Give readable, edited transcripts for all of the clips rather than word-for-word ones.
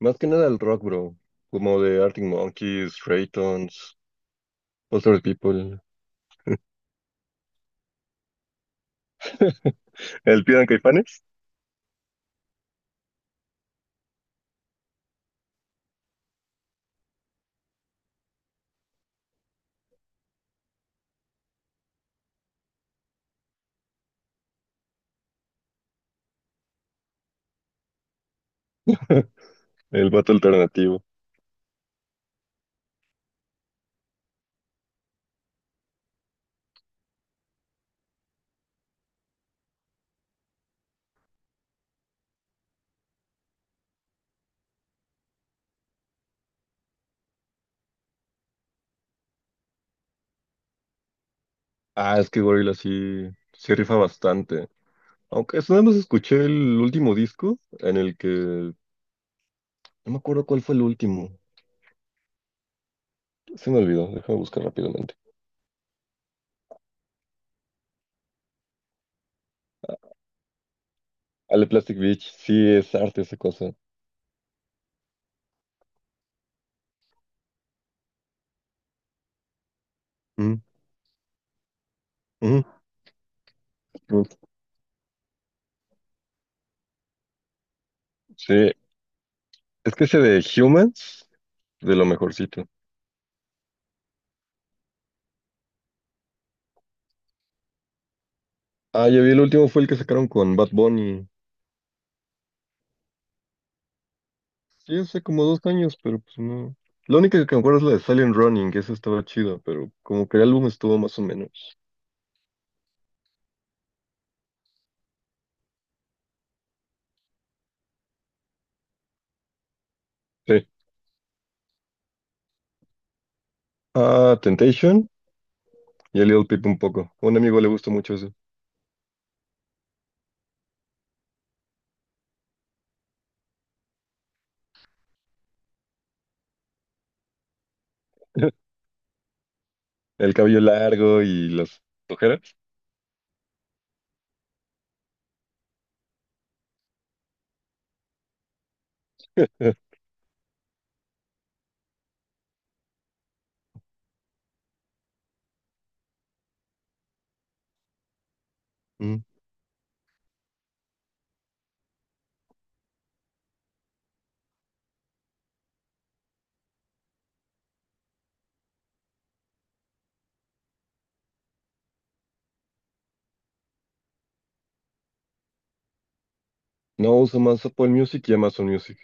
Más que nada el rock, bro. Como de Arctic Monkeys, Raytons, Foster People. ¿El Pidan Caifanes? El vato alternativo. Ah, es que Gorilla sí, sí rifa bastante. Aunque eso nada más escuché el último disco en el que. No me acuerdo cuál fue el último. Se me olvidó, déjame buscar rápidamente. Ale de Plastic Beach, sí es arte esa cosa. Mm, mm, mm. Sí, es que ese de Humans, de lo mejorcito. Ah, ya vi, el último fue el que sacaron con Bad Bunny. Sí, hace como 2 años, pero pues no. La única que me acuerdo es la de Silent Running, que esa estaba chida, pero como que el álbum estuvo más o menos. Sí. Ah, Temptation y a Little Peep un poco. A un amigo le gustó mucho eso. El cabello largo y las ojeras. Mm. No uso más Apple Music y Amazon Music.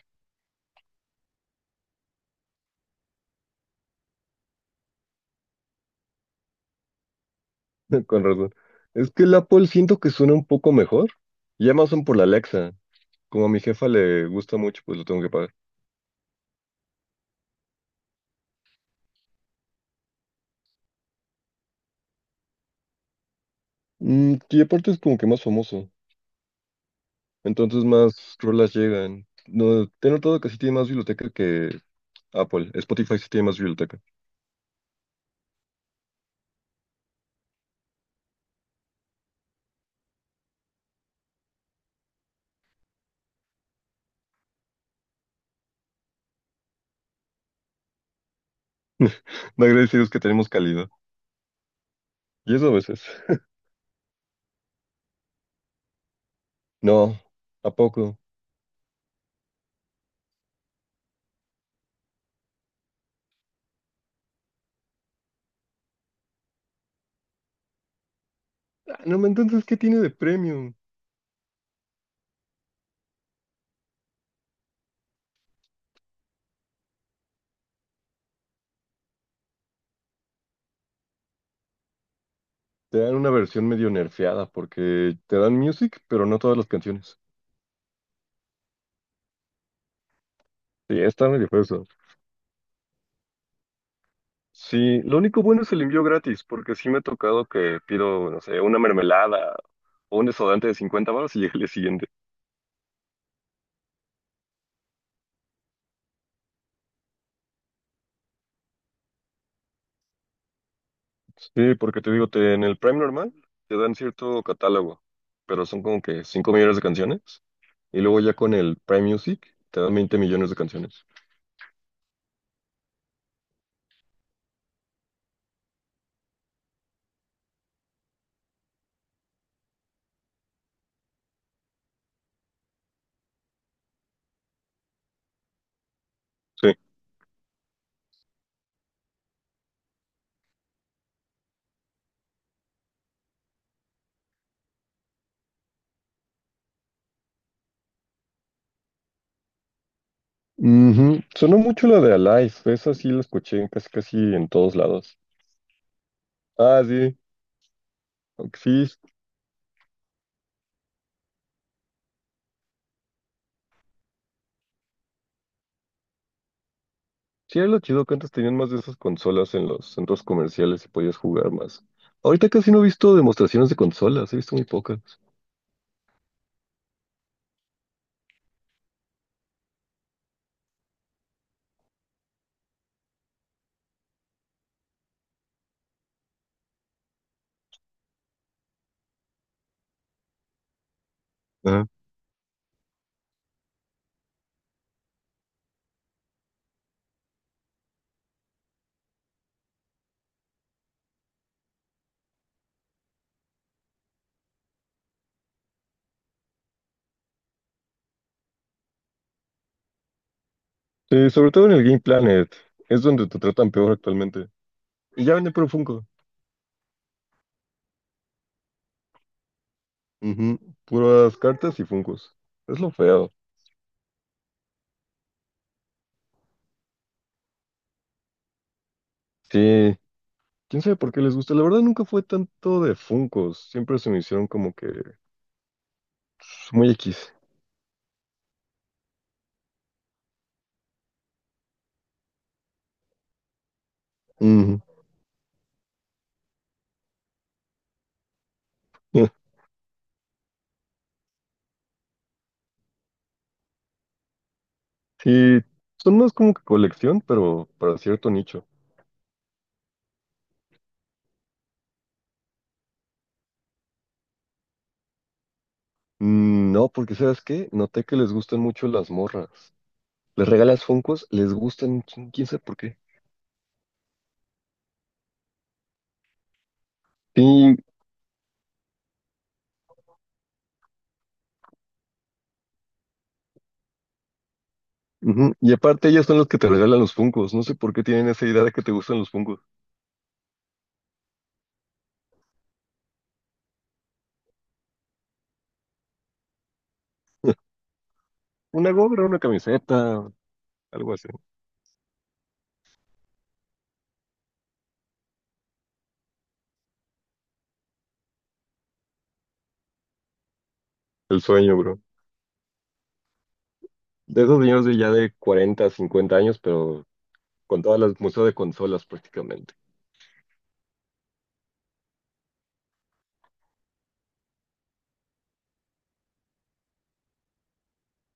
Con razón. Es que el Apple siento que suena un poco mejor. Y Amazon por la Alexa. Como a mi jefa le gusta mucho, pues lo tengo que pagar. Y aparte es como que más famoso. Entonces más rolas llegan. No, te he notado que sí tiene más biblioteca que Apple. Spotify sí tiene más biblioteca. No agradecidos que tenemos calidad. Y eso a veces. No, ¿a poco? Ah, no, ma, entonces, ¿qué tiene de premium? Te dan una versión medio nerfeada porque te dan music, pero no todas las canciones. Sí, está medio feo eso. Sí, lo único bueno es el envío gratis, porque sí me ha tocado que pido, no sé, una mermelada o un desodorante de 50 baros y llega el día siguiente. Sí, porque te digo, en el Prime normal te dan cierto catálogo, pero son como que 5 millones de canciones. Y luego ya con el Prime Music te dan 20 millones de canciones. Sí. Ujú. Sonó mucho la de Alive, esa sí la escuché en casi casi en todos lados. Ah, sí, aunque sí. Sí, era lo chido que antes tenían más de esas consolas en los centros comerciales y podías jugar más. Ahorita casi no he visto demostraciones de consolas, he visto muy pocas. Ajá. Sí, sobre todo en el Game Planet, es donde te tratan peor actualmente. Y ya venden puro Funko. Ujú, puras cartas y Funkos. Es lo feo. Sí, quién sabe por qué les gusta. La verdad nunca fue tanto de Funkos. Siempre se me hicieron como que pues, muy X. Ujú. Sí, son más como que colección, pero para cierto nicho. Mm, no, porque ¿sabes qué? Noté que les gustan mucho las morras. Les regalas Funkos, les gustan, quién sabe por qué. Sí, ujú, y aparte ellas son las que te regalan los Funkos. No sé por qué tienen esa idea de que te gustan los Funkos. Una gorra, una camiseta, algo así. El sueño, bro. De esos señores de ya de 40 50 años, pero con todas las museos de consolas prácticamente.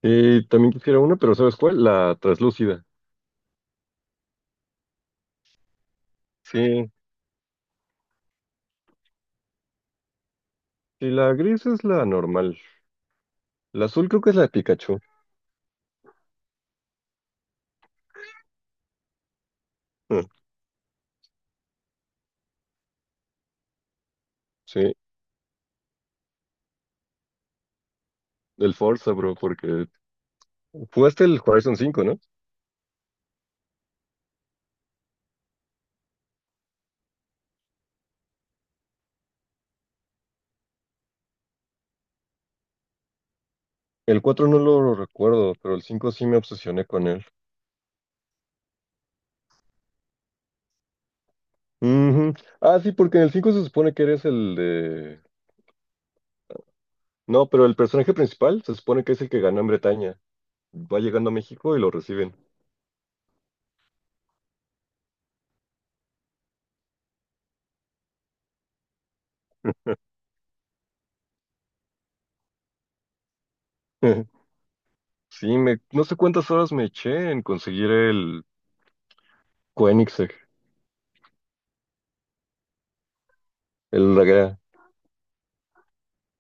Y también quisiera una, pero ¿sabes cuál? La traslúcida. Sí, y la gris es la normal. La azul creo que es la de Pikachu. Ah, sí, del Forza, bro, porque jugaste el Horizon 5, ¿no? El cuatro no lo recuerdo, pero el 5 sí me obsesioné con él. Ujú. Ah, sí, porque en el 5 se supone que eres el de... No, pero el personaje principal se supone que es el que ganó en Bretaña. Va llegando a México y lo reciben. Sí, no sé cuántas horas me eché en conseguir el Koenigsegg, el Daguerre,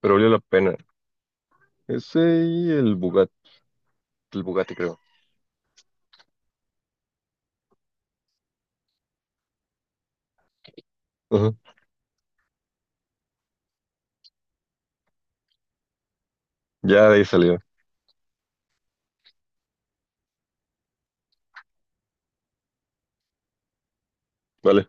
pero valió la pena. Ese y el Bugatti creo. Ajá. Ya de ahí salió. Vale.